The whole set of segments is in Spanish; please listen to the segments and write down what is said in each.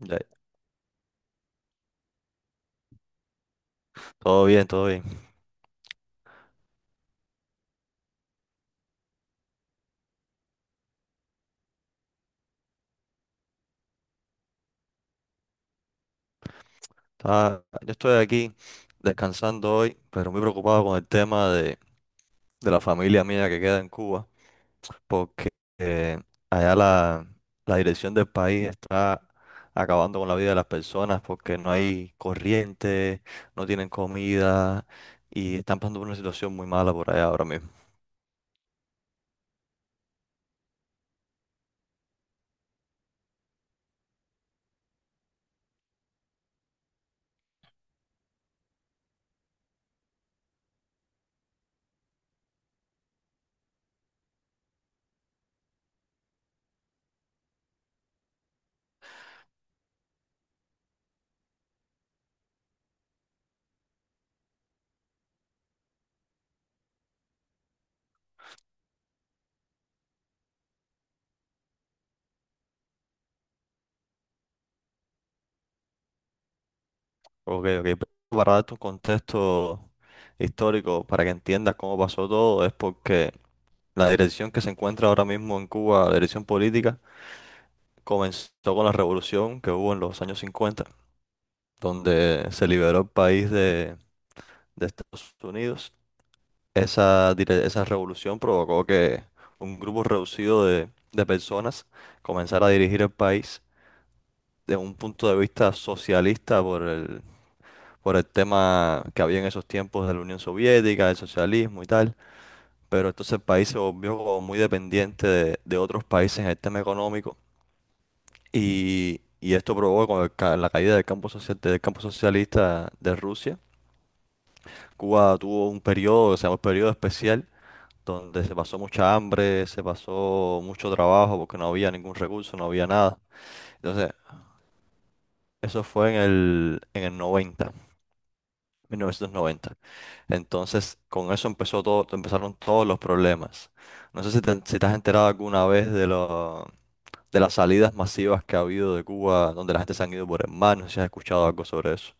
Ya, todo bien, todo bien. Yo estoy aquí descansando hoy, pero muy preocupado con el tema de la familia mía que queda en Cuba, porque eh, allá la dirección del país está acabando con la vida de las personas porque no hay corriente, no tienen comida y están pasando por una situación muy mala por allá ahora mismo. Ok, ok. Para darte un contexto histórico, para que entiendas cómo pasó todo, es porque la dirección que se encuentra ahora mismo en Cuba, la dirección política, comenzó con la revolución que hubo en los años 50, donde se liberó el país de Estados Unidos. Esa revolución provocó que un grupo reducido de personas comenzara a dirigir el país de un punto de vista socialista por por el tema que había en esos tiempos de la Unión Soviética, del socialismo y tal. Pero entonces el país se volvió como muy dependiente de otros países en el tema económico. Y esto provocó con la caída del campo social, del campo socialista de Rusia. Cuba tuvo un periodo que se llamó el periodo especial, donde se pasó mucha hambre, se pasó mucho trabajo porque no había ningún recurso, no había nada. Entonces, eso fue en en el 90, 1990. Entonces, con eso empezó todo, empezaron todos los problemas. No sé si te has enterado alguna vez de las salidas masivas que ha habido de Cuba, donde la gente se han ido por el mar, no sé si has escuchado algo sobre eso.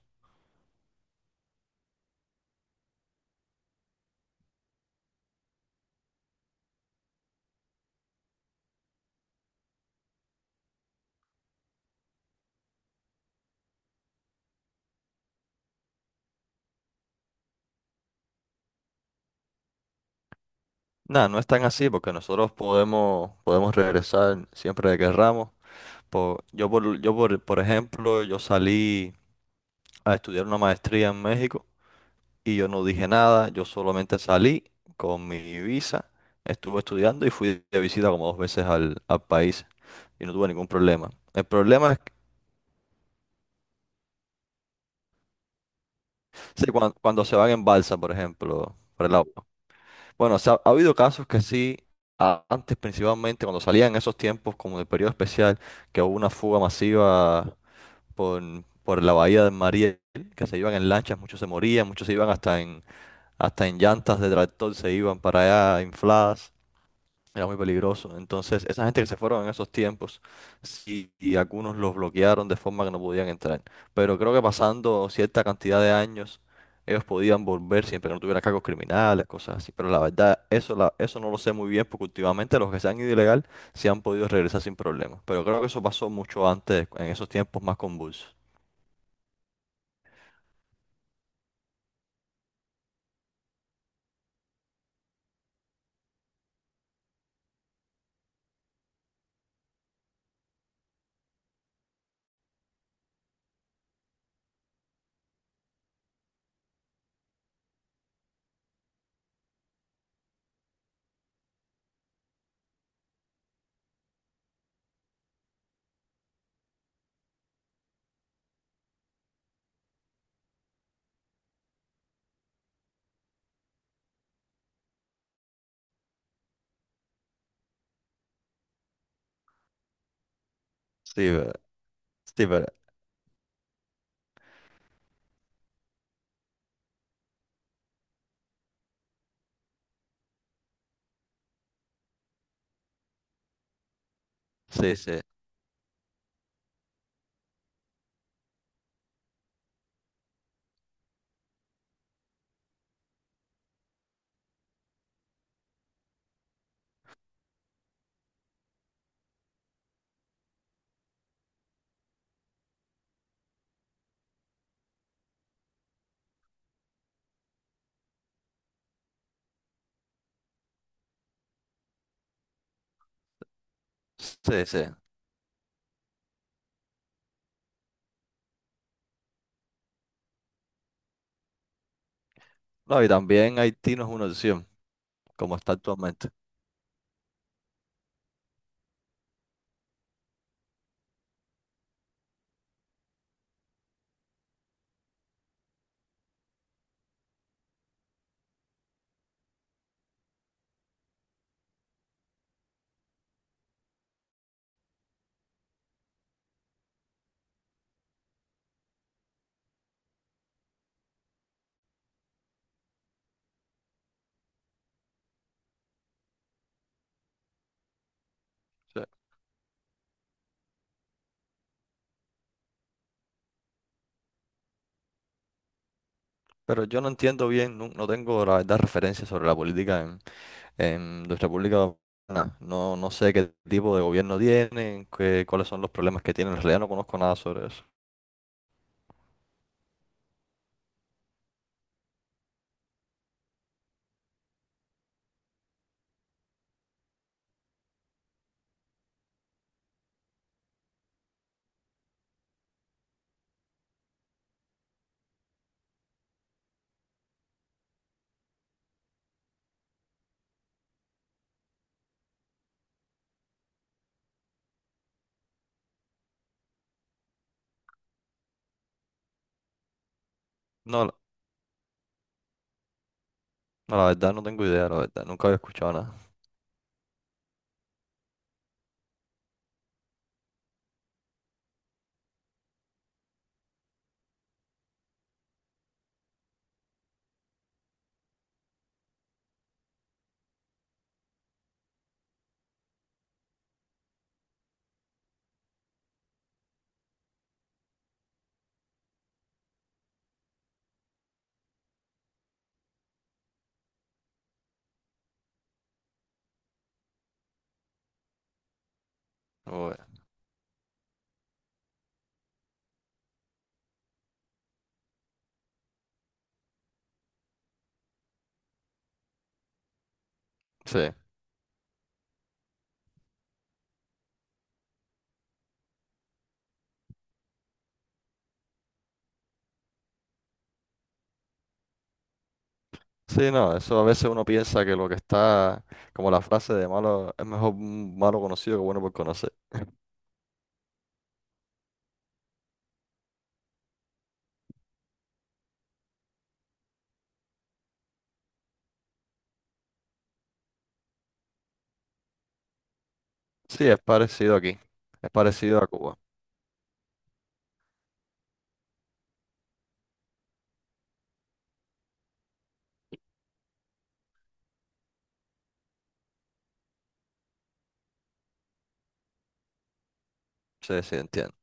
Nada, no es tan así porque nosotros podemos regresar siempre que querramos. Por ejemplo, yo salí a estudiar una maestría en México y yo no dije nada, yo solamente salí con mi visa, estuve estudiando y fui de visita como dos veces al país y no tuve ningún problema. El problema es sí, cuando se van en balsa, por ejemplo, para el lado. Bueno, o sea, ha habido casos que sí, antes principalmente, cuando salían esos tiempos, como del periodo especial, que hubo una fuga masiva por, por la bahía de Mariel, que se iban en lanchas, muchos se morían, muchos se iban hasta en llantas de tractor, se iban para allá infladas. Era muy peligroso. Entonces, esa gente que se fueron en esos tiempos, sí, y algunos los bloquearon de forma que no podían entrar. Pero creo que pasando cierta cantidad de años, ellos podían volver siempre que no tuvieran cargos criminales, cosas así. Pero la verdad, eso no lo sé muy bien, porque últimamente los que se han ido ilegal se han podido regresar sin problemas. Pero creo que eso pasó mucho antes, en esos tiempos más convulsos. Sí, pero- sí, pero- sí, sí, sí, sí. No, y también Haití no es una opción, como está actualmente. Sí. Pero yo no entiendo bien, no, no tengo la verdad referencia sobre la política en nuestra República Dominicana. No, no sé qué tipo de gobierno tienen, qué, cuáles son los problemas que tienen. En realidad no conozco nada sobre eso. No, la no, la verdad no tengo idea, la verdad. Nunca había escuchado nada. Oh, sí. Sí, no, eso a veces uno piensa que lo que como la frase de malo, es mejor un malo conocido que bueno por conocer. Sí, es parecido aquí. Es parecido a Cuba. Sí, sí, entiendo.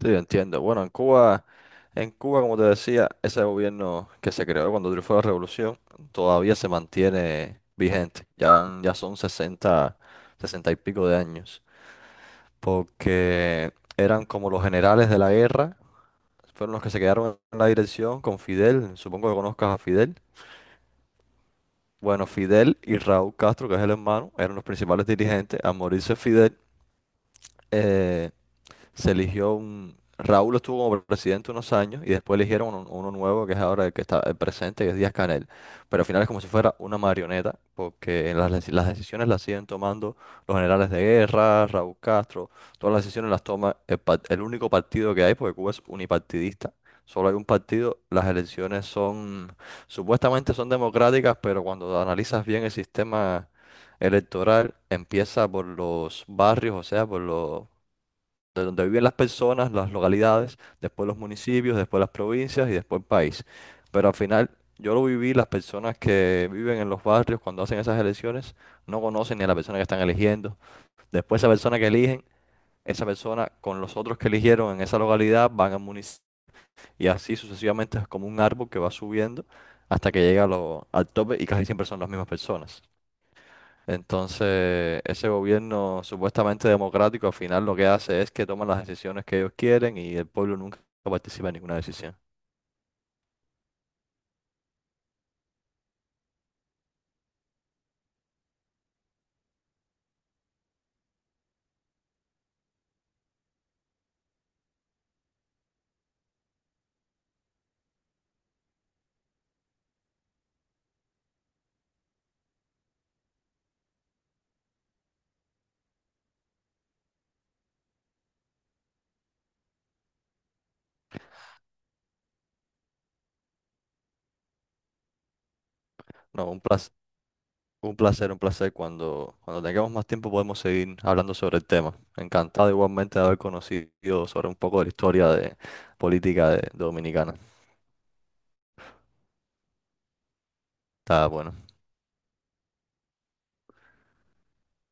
Sí, entiendo. Bueno, en Cuba. En Cuba, como te decía, ese gobierno que se creó cuando triunfó la revolución todavía se mantiene vigente. Ya son 60, 60 y pico de años, porque eran como los generales de la guerra, fueron los que se quedaron en la dirección con Fidel, supongo que conozcas a Fidel. Bueno, Fidel y Raúl Castro, que es el hermano, eran los principales dirigentes. Al morirse Fidel, eh, se eligió un... Raúl estuvo como presidente unos años y después eligieron uno nuevo que es ahora el que está el presente, que es Díaz-Canel. Pero al final es como si fuera una marioneta, porque en las decisiones las siguen tomando los generales de guerra, Raúl Castro, todas las decisiones las toma el único partido que hay, porque Cuba es unipartidista. Solo hay un partido, las elecciones supuestamente son democráticas, pero cuando analizas bien el sistema electoral, empieza por los barrios, o sea, por los de donde viven las personas, las localidades, después los municipios, después las provincias y después el país. Pero al final yo lo viví, las personas que viven en los barrios cuando hacen esas elecciones no conocen ni a la persona que están eligiendo. Después esa persona que eligen, esa persona con los otros que eligieron en esa localidad van al municipio y así sucesivamente es como un árbol que va subiendo hasta que llega a al tope y casi siempre son las mismas personas. Entonces, ese gobierno supuestamente democrático al final lo que hace es que toman las decisiones que ellos quieren y el pueblo nunca participa en ninguna decisión. No, un placer, un placer, un placer. Cuando tengamos más tiempo podemos seguir hablando sobre el tema. Encantado igualmente de haber conocido sobre un poco de la historia de política de, dominicana. Está bueno.